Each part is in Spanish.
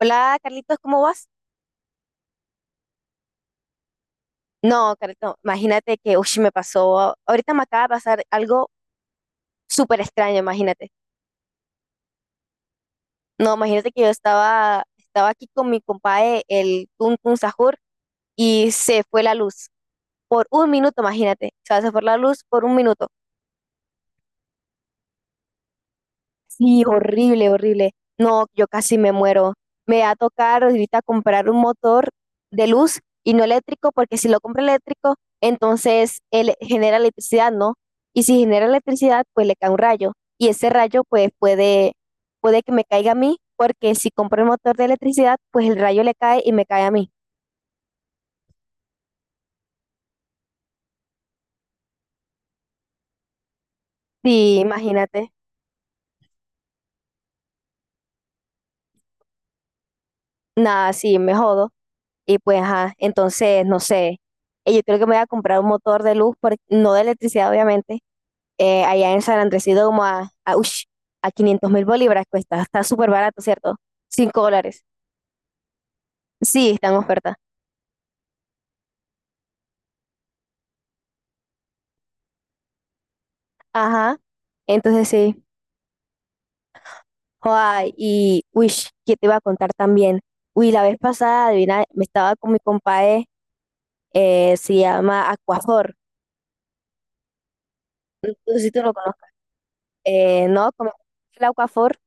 Hola Carlitos, ¿cómo vas? No, Carlitos, imagínate que, uy, me pasó, ahorita me acaba de pasar algo súper extraño, imagínate. No, imagínate que yo estaba aquí con mi compadre, el Tun Tun Sahur, y se fue la luz por un minuto, imagínate. O sea, se fue la luz por un minuto. Sí, horrible, horrible. No, yo casi me muero. Me va a tocar ahorita comprar un motor de luz y no eléctrico, porque si lo compro eléctrico, entonces él genera electricidad, ¿no? Y si genera electricidad, pues le cae un rayo. Y ese rayo, pues puede que me caiga a mí, porque si compro el motor de electricidad, pues el rayo le cae y me cae a mí. Sí, imagínate. Nada, sí, me jodo. Y pues, ajá, entonces, no sé. Yo creo que me voy a comprar un motor de luz, no de electricidad, obviamente, allá en San Andrés y Domo a 500.000 bolívares cuesta. Está súper barato, ¿cierto? $5. Sí, está en oferta. Ajá, entonces sí. Joder, y, uy, ¿qué te iba a contar también? Uy, la vez pasada, adivina, me estaba con mi compadre, se llama Aquafor. No, no sé si tú lo conozcas. No, como el Aquafor,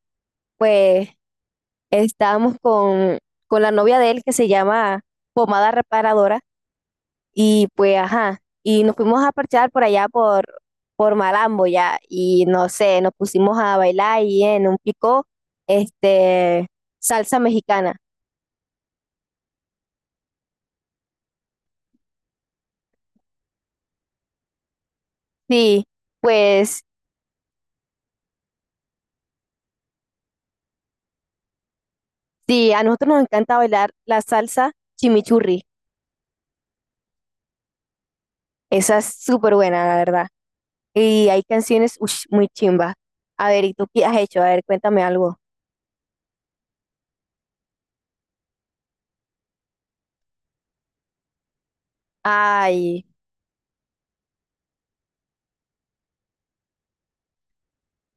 pues estábamos con la novia de él que se llama Pomada Reparadora. Y pues, ajá, y nos fuimos a parchar por allá por Malambo ya, y no sé, nos pusimos a bailar y en un pico, este, salsa mexicana. Sí, pues sí, a nosotros nos encanta bailar la salsa chimichurri, esa es súper buena, la verdad. Y hay canciones ush, muy chimba. A ver, ¿y tú qué has hecho? A ver, cuéntame algo. Ay,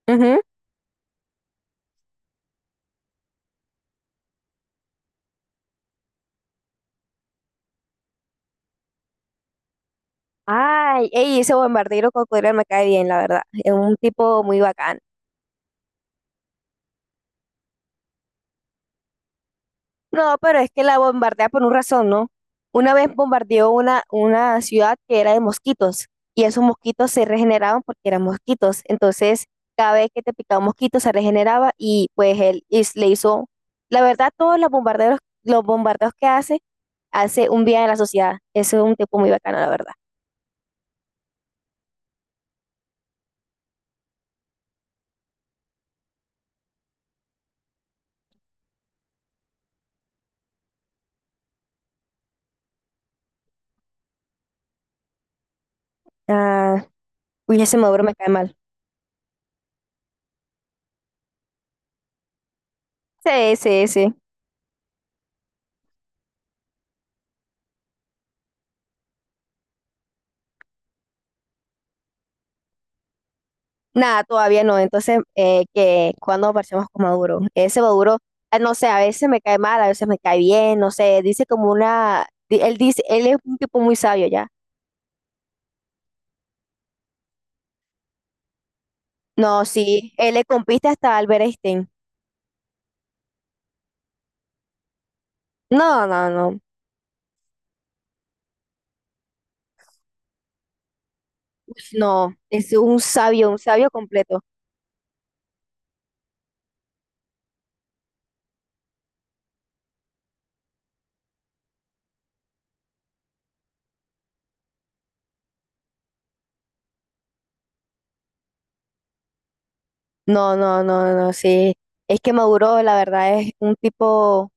ujú. Ay, ey, ese bombardero cocodrilo me cae bien, la verdad. Es un tipo muy bacano. No, pero es que la bombardea por una razón, ¿no? Una vez bombardeó una ciudad que era de mosquitos y esos mosquitos se regeneraban porque eran mosquitos. Entonces, cada vez que te picaba un mosquito se regeneraba y pues él le hizo, la verdad, todos los bombardeos que hace, hace un bien a la sociedad. Eso es un tipo muy bacano, la verdad. Ah, uy, ese Maduro me cae mal. Sí, sí, sí. Nada, todavía no. Entonces, que cuando aparecemos con Maduro, ese Maduro, no sé, a veces me cae mal, a veces me cae bien, no sé, dice como él dice, él es un tipo muy sabio ya. No, sí, él le compite hasta Albert Einstein. No, no, no, no, es un sabio completo. No, no, no, no, sí. Es que Maduro, la verdad, es un tipo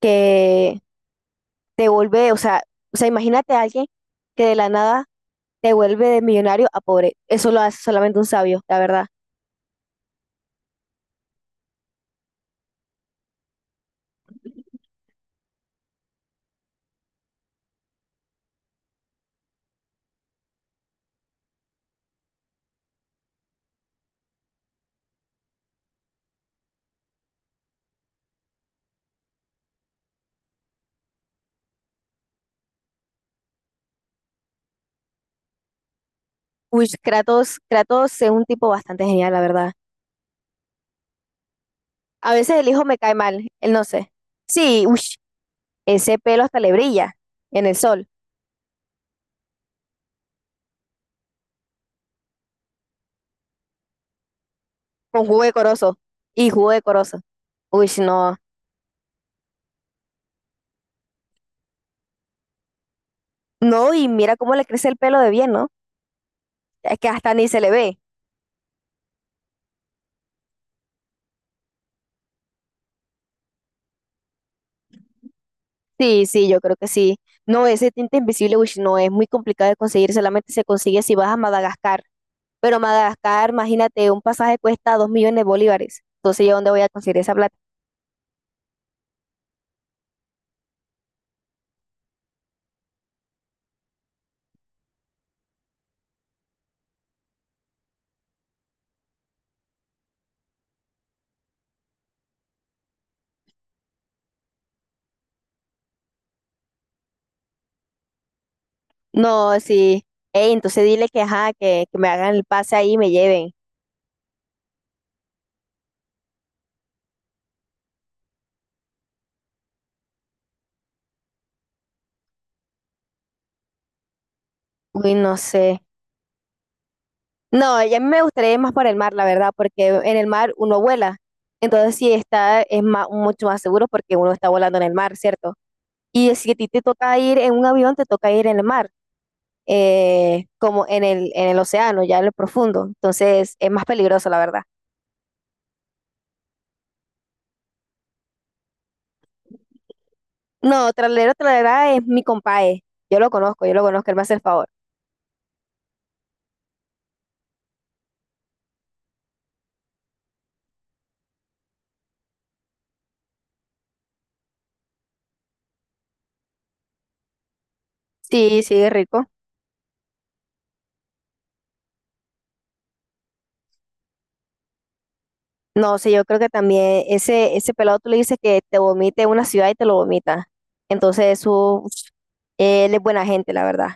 que te vuelve, o sea, imagínate a alguien que de la nada te vuelve de millonario a pobre. Eso lo hace solamente un sabio, la verdad. Uy, Kratos, Kratos es un tipo bastante genial, la verdad. A veces el hijo me cae mal, él no sé. Sí, uy, ese pelo hasta le brilla en el sol, con jugo de corozo y jugo de corozo. Uy, no, no, y mira cómo le crece el pelo de bien, ¿no? Es que hasta ni se le ve. Sí, sí, yo creo que sí. No, ese tinte invisible, uy, no, es muy complicado de conseguir, solamente se consigue si vas a Madagascar. Pero Madagascar, imagínate, un pasaje cuesta 2 millones de bolívares. Entonces, ¿yo dónde voy a conseguir esa plata? No, sí. Ey, entonces dile que, ajá, que me hagan el pase ahí y me lleven. Uy, no sé. No, y a mí me gustaría ir más por el mar, la verdad, porque en el mar uno vuela. Entonces, sí está, es más, mucho más seguro porque uno está volando en el mar, ¿cierto? Y si a ti te toca ir en un avión, te toca ir en el mar, como en el océano, ya en lo profundo. Entonces, es más peligroso, la verdad. No, Tralero Tralera es mi compadre. Yo lo conozco, él me hace el favor. Sí, sí, es rico. No, sí, yo creo que también ese pelado tú le dices que te vomite en una ciudad y te lo vomita. Entonces, eso, uf, él es buena gente, la verdad.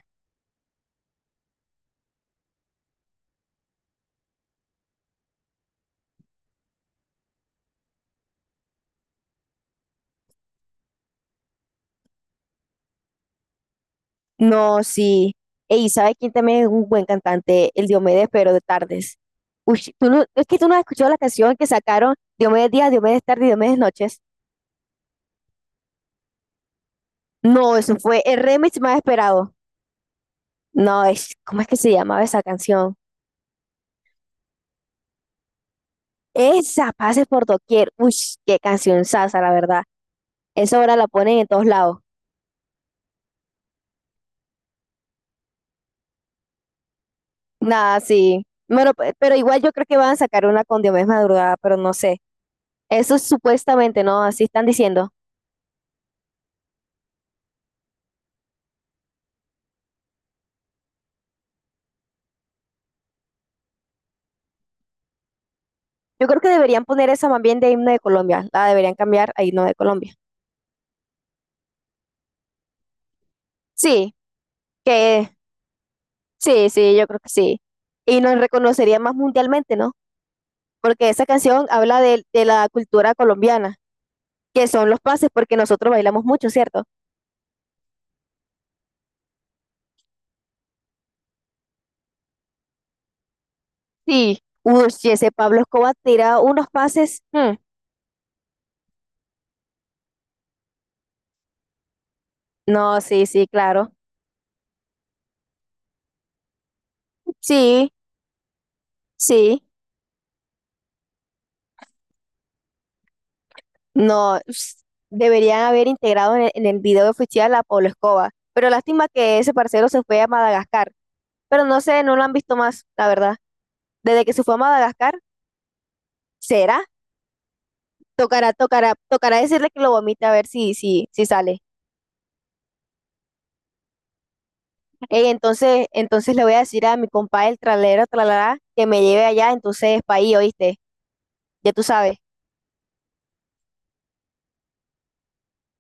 No, sí. Y ¿sabes quién también es un buen cantante? El Diomedes, pero de tardes. Uy, tú no- es que tú no has escuchado la canción que sacaron Diomedes Días, Diomedes Tarde y Diomedes Noches. No, eso fue el remix más esperado. No, ¿cómo es que se llamaba esa canción? Esa, pase por doquier. Uy, qué canción sasa, la verdad. Esa ahora la ponen en todos lados. Nada, sí. Bueno, pero igual yo creo que van a sacar una con Diomedes Madrugada, pero no sé. Eso es supuestamente, ¿no? Así están diciendo. Yo creo que deberían poner esa más bien de himno de Colombia. La deberían cambiar a himno de Colombia. Sí, que sí, sí, yo creo que sí. Y nos reconocería más mundialmente, ¿no? Porque esa canción habla de la cultura colombiana, que son los pases, porque nosotros bailamos mucho, ¿cierto? Sí, uy, sí, ese Pablo Escobar tira unos pases. Mm, no, sí, sí, claro. Sí, sí. No, ps, deberían haber integrado en el video oficial a Pablo Escobar. Pero lástima que ese parcero se fue a Madagascar. Pero no sé, no lo han visto más, la verdad. Desde que se fue a Madagascar, ¿será? Tocará, tocará, tocará decirle que lo vomite a ver si sale. Ey, entonces, entonces le voy a decir a mi compa el tralero, tralará, que me lleve allá, entonces, pa país, ¿oíste? Ya tú sabes.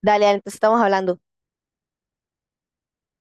Dale, entonces estamos hablando.